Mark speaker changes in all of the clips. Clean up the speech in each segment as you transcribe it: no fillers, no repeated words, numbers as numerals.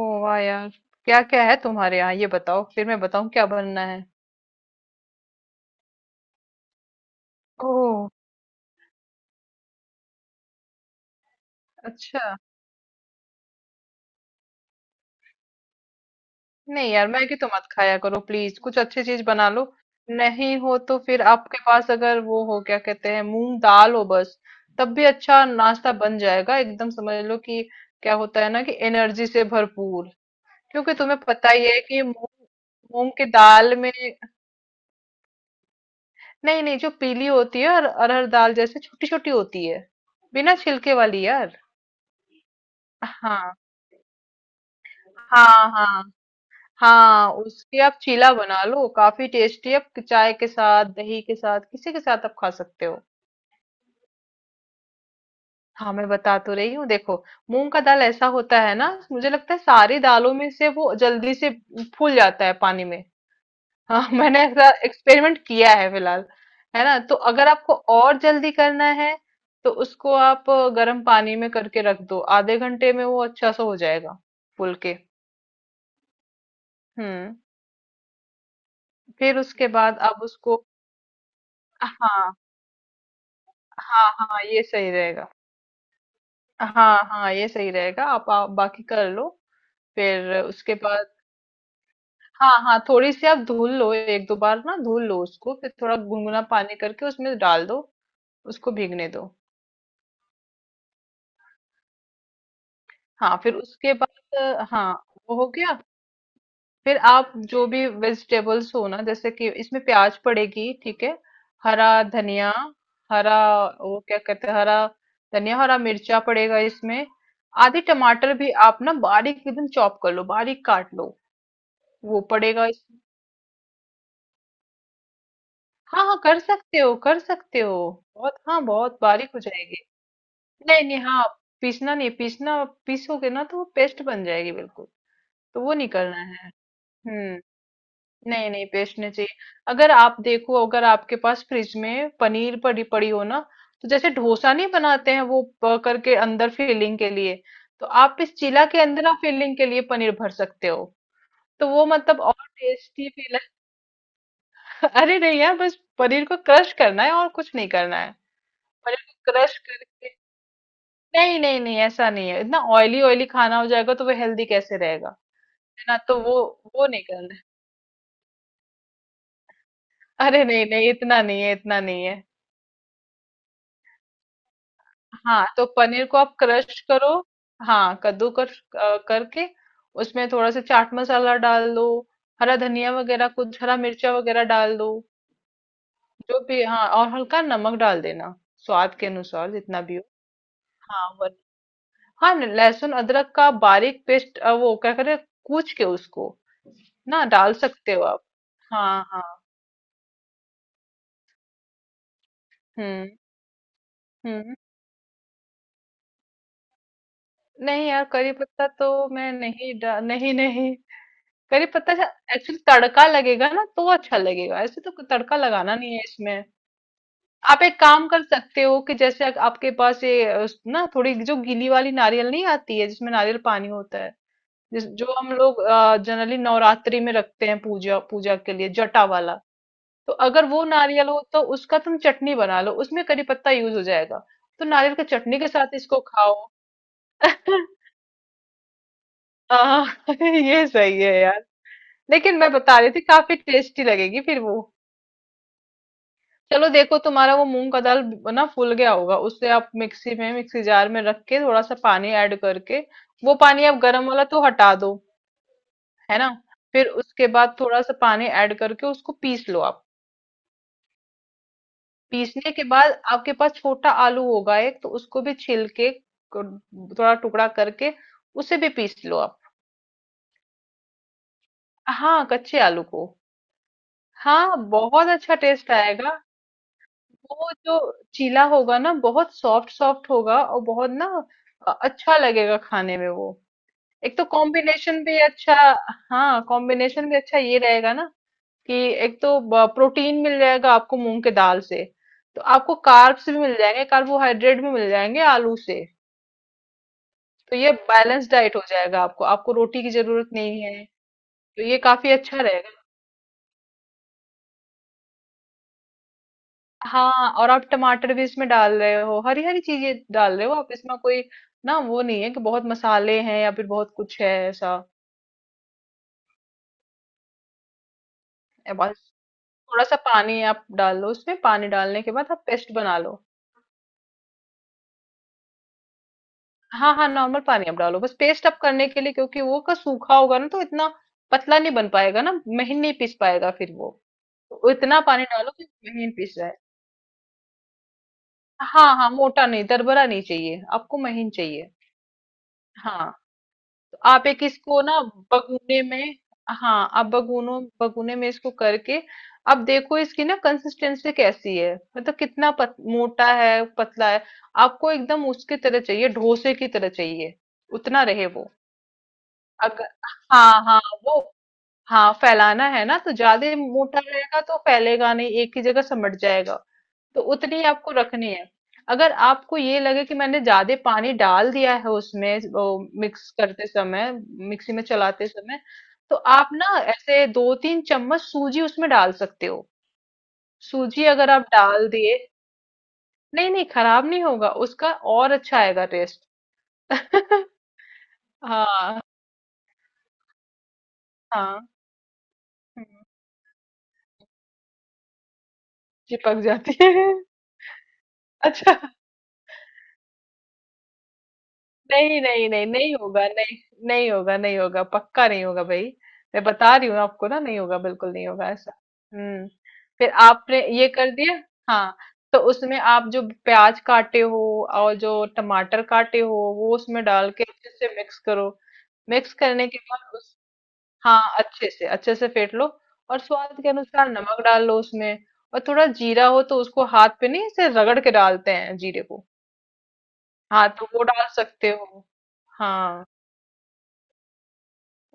Speaker 1: ओ वाह यार! क्या क्या है तुम्हारे यहाँ ये बताओ, फिर मैं बताऊँ क्या बनना है। ओह। अच्छा। नहीं यार, मैगी तो मत खाया करो प्लीज, कुछ अच्छी चीज बना लो। नहीं हो तो फिर आपके पास अगर वो हो, क्या कहते हैं, मूंग दाल हो बस। तब भी अच्छा नाश्ता बन जाएगा एकदम, समझ लो कि क्या होता है ना, कि एनर्जी से भरपूर। क्योंकि तुम्हें पता ही है कि मूंग। मूंग की दाल में। नहीं नहीं, जो पीली होती है, और अरहर दाल जैसे छोटी छोटी होती है, बिना छिलके वाली यार। हाँ हाँ। हाँ हाँ। उसकी आप चीला बना लो, काफी टेस्टी। आप चाय के साथ, दही के साथ, किसी के साथ आप खा सकते हो। हाँ, मैं बता तो रही हूँ, देखो। मूंग का दाल ऐसा होता है ना, मुझे लगता है सारी दालों में से वो जल्दी से फूल जाता है पानी में। हाँ। मैंने ऐसा एक्सपेरिमेंट किया है फिलहाल। है ना, तो अगर आपको और जल्दी करना है तो उसको आप गर्म पानी में करके रख दो, आधे घंटे में वो अच्छा सा हो जाएगा, फूल के। हम्म। फिर उसके बाद आप उसको। हाँ हाँ हाँ, ये सही रहेगा। हाँ हाँ, ये सही रहेगा, आप बाकी कर लो। फिर उसके बाद। हाँ हाँ, थोड़ी सी आप धुल लो, एक दो बार ना धुल लो उसको, फिर थोड़ा गुनगुना पानी करके उसमें डाल दो। उसको भीगने दो। हाँ, फिर उसके बाद। हाँ। वो हो गया। फिर आप जो भी वेजिटेबल्स हो ना, जैसे कि इसमें प्याज पड़ेगी, ठीक है। हरा धनिया, हरा, वो क्या कहते हैं, हरा धनिया, हरा मिर्चा पड़ेगा इसमें। आधी टमाटर भी आप ना बारीक एकदम चॉप कर लो, बारीक काट लो। वो पड़ेगा इसमें। हाँ हाँ, कर सकते हो, कर सकते हो। बहुत, हाँ बहुत बारीक हो जाएगी। नहीं नहीं। हाँ। पीसना नहीं, पीसना पीसोगे ना तो वो पेस्ट बन जाएगी बिल्कुल। तो वो नहीं करना है। हम्म। नहीं नहीं, पेस्ट नहीं चाहिए। अगर आप देखो, अगर आपके पास फ्रिज में पनीर पड़ी पड़ी हो ना। तो जैसे डोसा नहीं बनाते हैं वो करके अंदर फिलिंग के लिए। तो आप इस चीला के अंदर आप फिलिंग के लिए पनीर भर सकते हो। तो वो मतलब और टेस्टी फील। अरे नहीं यार, बस पनीर को क्रश करना है, और कुछ नहीं करना है। पनीर को क्रश करके। नहीं नहीं नहीं, ऐसा नहीं है, इतना ऑयली ऑयली खाना हो जाएगा तो वो हेल्दी कैसे रहेगा। है ना, तो वो नहीं करना है। अरे नहीं नहीं, इतना नहीं है, इतना नहीं है। हाँ, तो पनीर को आप क्रश करो। हाँ कद्दूकस करके। उसमें थोड़ा सा चाट मसाला डाल दो। हरा धनिया वगैरह, कुछ हरा मिर्चा वगैरह डाल दो। जो भी, हाँ, और हल्का नमक डाल देना। स्वाद के अनुसार जितना भी हो। हाँ वन। हाँ लहसुन अदरक का बारीक पेस्ट वो क्या करे। कूच के उसको। ना डाल सकते हो आप। हाँ हाँ। हम्म हम्म। नहीं यार, करी पत्ता तो मैं नहीं डा नहीं नहीं। करी पत्ता एक्चुअली तड़का लगेगा ना तो अच्छा लगेगा, ऐसे तो तड़का लगाना नहीं है इसमें। आप एक काम कर सकते हो, कि जैसे आपके पास ये ना, थोड़ी जो गीली वाली नारियल नहीं आती है, जिसमें नारियल पानी होता है। जिस जो हम लोग जनरली नवरात्रि में रखते हैं पूजा पूजा के लिए, जटा वाला। तो अगर वो नारियल हो तो उसका तुम चटनी बना लो, उसमें करी पत्ता यूज हो जाएगा। तो नारियल की चटनी के साथ इसको खाओ। हाँ, ये सही है यार। लेकिन मैं बता रही थी, काफी टेस्टी लगेगी फिर वो। चलो देखो, तुम्हारा वो मूंग का दाल ना फूल गया होगा, उससे आप मिक्सी जार में रख के थोड़ा सा पानी ऐड करके। वो पानी आप गर्म वाला तो हटा दो। है ना। फिर उसके बाद थोड़ा सा पानी ऐड करके उसको पीस लो आप। पीसने के बाद आपके पास छोटा आलू होगा एक, तो उसको भी छील के क- थोड़ा टुकड़ा करके उसे भी पीस लो आप। हाँ, कच्चे आलू को। हाँ, बहुत अच्छा टेस्ट आएगा। वो जो चीला होगा ना बहुत सॉफ्ट सॉफ्ट होगा और बहुत ना अच्छा लगेगा खाने में वो। एक तो कॉम्बिनेशन भी अच्छा। हाँ, कॉम्बिनेशन भी अच्छा ये रहेगा ना, कि एक तो प्रोटीन मिल जाएगा आपको मूंग के दाल से। तो आपको कार्ब्स भी मिल जाएंगे, कार्बोहाइड्रेट भी मिल जाएंगे आलू से। तो ये बैलेंस डाइट हो जाएगा आपको, आपको रोटी की जरूरत नहीं है। तो ये काफी अच्छा रहेगा। हाँ, और आप टमाटर भी इसमें डाल रहे हो, हरी हरी चीजें डाल रहे हो आप इसमें, कोई। ना वो नहीं है कि बहुत मसाले हैं, या फिर बहुत कुछ है ऐसा। बस। थोड़ा सा पानी आप डाल लो उसमें, पानी डालने के बाद आप पेस्ट बना लो। हाँ हाँ, नॉर्मल पानी आप डालो, बस पेस्ट आप करने के लिए, क्योंकि वो का सूखा होगा ना तो इतना पतला नहीं बन पाएगा ना। महीन नहीं पीस पाएगा फिर वो। तो इतना पानी डालो कि महीन पीस जाए। हाँ हाँ, मोटा नहीं, दरबरा नहीं चाहिए आपको, महीन चाहिए। हाँ। आप एक इसको ना बगुने में। हाँ, आप बगुनों बगुने में इसको करके। अब देखो इसकी ना कंसिस्टेंसी कैसी है, मतलब कितना मोटा है पतला है। आपको एकदम उसकी तरह चाहिए, डोसे की तरह चाहिए। उतना रहे वो। अगर, हाँ हाँ, वो। हाँ, फैलाना है ना, तो ज्यादा मोटा रहेगा तो फैलेगा नहीं, एक ही जगह सिमट जाएगा। तो उतनी आपको रखनी है। अगर आपको ये लगे कि मैंने ज्यादा पानी डाल दिया है उसमें, वो मिक्स करते समय, मिक्सी में चलाते समय। तो आप ना ऐसे 2-3 चम्मच सूजी उसमें डाल सकते हो। सूजी अगर आप डाल दिए। नहीं नहीं, खराब नहीं होगा उसका, और अच्छा आएगा टेस्ट। हाँ हाँ। हम्म। चिपक जाती है। अच्छा। नहीं नहीं नहीं, नहीं होगा, नहीं। नहीं होगा, नहीं होगा, पक्का नहीं होगा भाई। मैं बता रही हूँ आपको ना, नहीं होगा, बिल्कुल नहीं होगा ऐसा। हम्म। फिर आपने ये कर दिया। हाँ, तो उसमें आप जो प्याज काटे हो और जो टमाटर काटे हो, वो उसमें डाल के अच्छे से मिक्स करो। मिक्स करने के बाद उस हाँ, अच्छे से फेंट लो। और स्वाद के अनुसार नमक डाल लो उसमें। और थोड़ा जीरा हो तो उसको हाथ पे नहीं, ऐसे रगड़ के डालते हैं जीरे को। हाँ, तो वो डाल सकते हो। हाँ,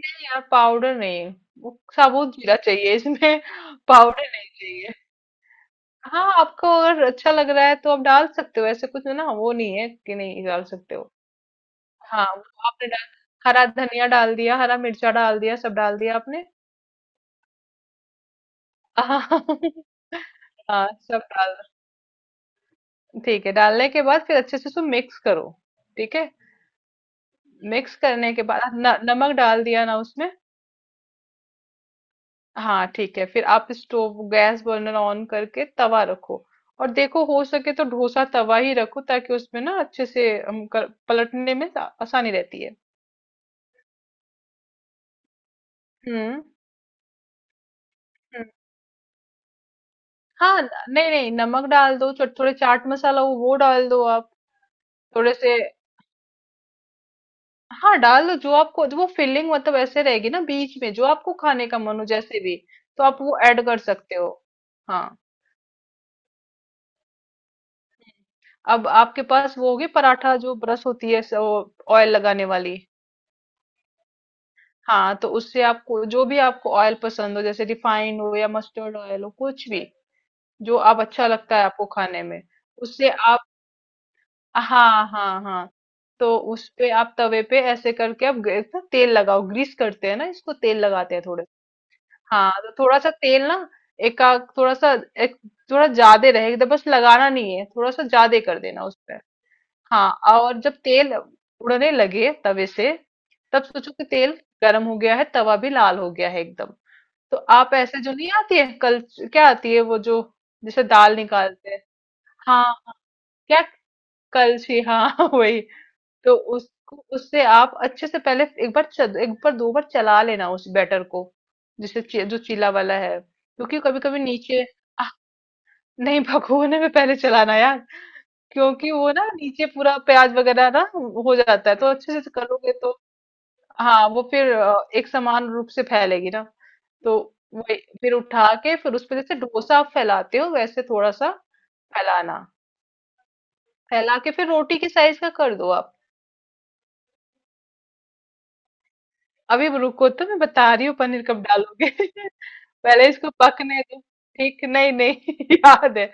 Speaker 1: नहीं यार, पाउडर नहीं। वो साबुत जीरा चाहिए इसमें। पाउडर नहीं चाहिए। हाँ, आपको अगर अच्छा लग रहा है तो आप डाल सकते हो, ऐसे कुछ ना वो नहीं है कि नहीं डाल सकते हो। हाँ, वो आपने डाल, हरा धनिया डाल दिया, हरा मिर्चा डाल दिया, सब डाल दिया आपने। हाँ, हाँ सब डाल। ठीक है, डालने के बाद फिर अच्छे से उसको मिक्स करो। ठीक है, मिक्स करने के बाद न, नमक डाल दिया ना उसमें। हाँ ठीक है, फिर आप स्टोव गैस बर्नर ऑन करके तवा रखो। और देखो, हो सके तो डोसा तवा ही रखो, ताकि उसमें ना अच्छे से हम पलटने में आसानी रहती है। हम्म हम्म। हाँ, नहीं नहीं, नमक डाल दो, थोड़े चाट मसाला वो डाल दो आप। थोड़े से। हाँ, डाल दो, जो आपको वो फिलिंग मतलब ऐसे रहेगी ना बीच में, जो आपको खाने का मन हो जैसे भी। तो आप वो ऐड कर सकते हो। हाँ, अब आपके पास वो होगी पराठा जो ब्रश होती है ऑयल लगाने वाली। हाँ, तो उससे आपको जो भी आपको ऑयल पसंद हो, जैसे रिफाइंड हो या मस्टर्ड ऑयल हो, कुछ भी। जो आप अच्छा लगता है आपको खाने में। उससे आप। हाँ हाँ हाँ। तो उस पे आप तवे पे ऐसे करके आप ना तेल लगाओ, ग्रीस करते हैं ना इसको तेल लगाते हैं थोड़े। हाँ, तो थोड़ा सा तेल ना, एक थोड़ा सा, एक थोड़ा ज्यादा रहेगा, बस लगाना नहीं है, थोड़ा सा ज्यादा कर देना उस पे। हाँ, और जब तेल उड़ने लगे तवे से। तब सोचो कि तेल गर्म हो गया है, तवा भी लाल हो गया है एकदम। तो आप ऐसे जो नहीं आती है कल, क्या आती है, वो जो। जैसे दाल निकालते हैं। हाँ हाँ, क्या कलछी, हाँ, वही। तो उसको उससे आप अच्छे से पहले एक बार एक बार दो बार चला लेना उस बैटर को। जो चीला वाला है, क्योंकि कभी कभी नीचे। आह, नहीं, भगोने में पहले चलाना यार। क्योंकि वो ना नीचे पूरा प्याज वगैरह ना हो जाता है तो अच्छे से करोगे तो। हाँ, वो फिर एक समान रूप से फैलेगी ना। तो वही। फिर उठा के, फिर उस पे जैसे डोसा आप फैलाते हो वैसे थोड़ा सा फैलाना। फैला के फिर रोटी के साइज का कर दो आप। अभी रुको, तो मैं बता रही हूँ पनीर कब डालोगे। पहले इसको पकने दो। ठीक, नहीं नहीं, याद है।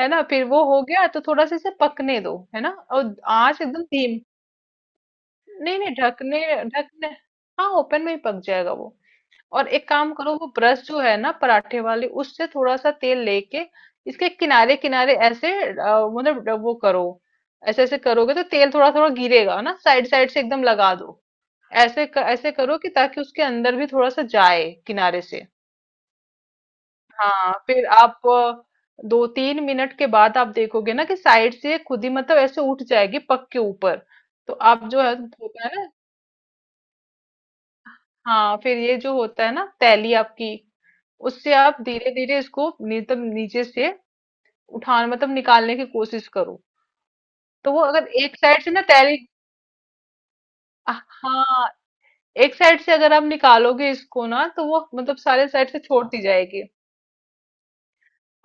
Speaker 1: है ना, फिर वो हो गया तो थोड़ा सा इसे पकने दो, है ना, और आंच एकदम धीम। नहीं नहीं, ढकने। ढकने, हाँ, ओपन में ही पक जाएगा वो। और एक काम करो, वो ब्रश जो है ना पराठे वाली, उससे थोड़ा सा तेल लेके। इसके किनारे किनारे ऐसे मतलब वो करो। ऐसे ऐसे करोगे तो तेल थोड़ा थोड़ा गिरेगा ना, साइड साइड से एकदम लगा दो। ऐसे ऐसे करो कि ताकि उसके अंदर भी थोड़ा सा जाए किनारे से। हाँ, फिर आप 2-3 मिनट के बाद आप देखोगे ना कि साइड से खुद ही मतलब ऐसे उठ जाएगी पक के ऊपर। तो आप जो है। हाँ, फिर ये जो होता है ना तैली आपकी। उससे आप धीरे धीरे इसको मतलब नीचे से। उठान मतलब निकालने की कोशिश करो। तो वो अगर एक साइड से ना तैली। हाँ, एक साइड से अगर आप निकालोगे इसको ना, तो वो मतलब सारे साइड से छोड़ती जाएगी।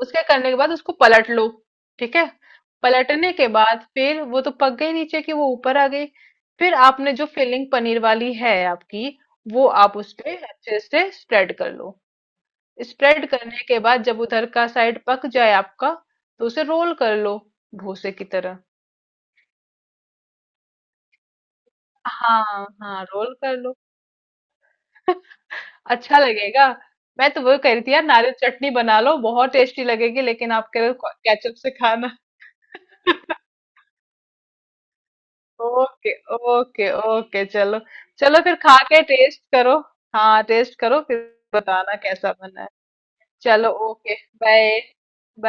Speaker 1: उसके करने के बाद उसको पलट लो। ठीक है। पलटने के बाद फिर वो तो पक गई, नीचे की वो ऊपर आ गई। फिर आपने जो फिलिंग पनीर वाली है आपकी। वो आप उस पे अच्छे से स्प्रेड कर लो। स्प्रेड करने के बाद जब उधर का साइड पक जाए आपका। तो उसे रोल कर लो। भूसे की तरह। हाँ हाँ, रोल कर लो। अच्छा लगेगा। मैं तो वो कह रही थी यार, नारियल चटनी बना लो बहुत टेस्टी लगेगी, लेकिन आप कह रहे हो केचप से खाना। ओके ओके ओके चलो। चलो फिर खा के टेस्ट करो। हाँ, टेस्ट करो फिर। बताना कैसा बना है। चलो ओके, बाय बाय।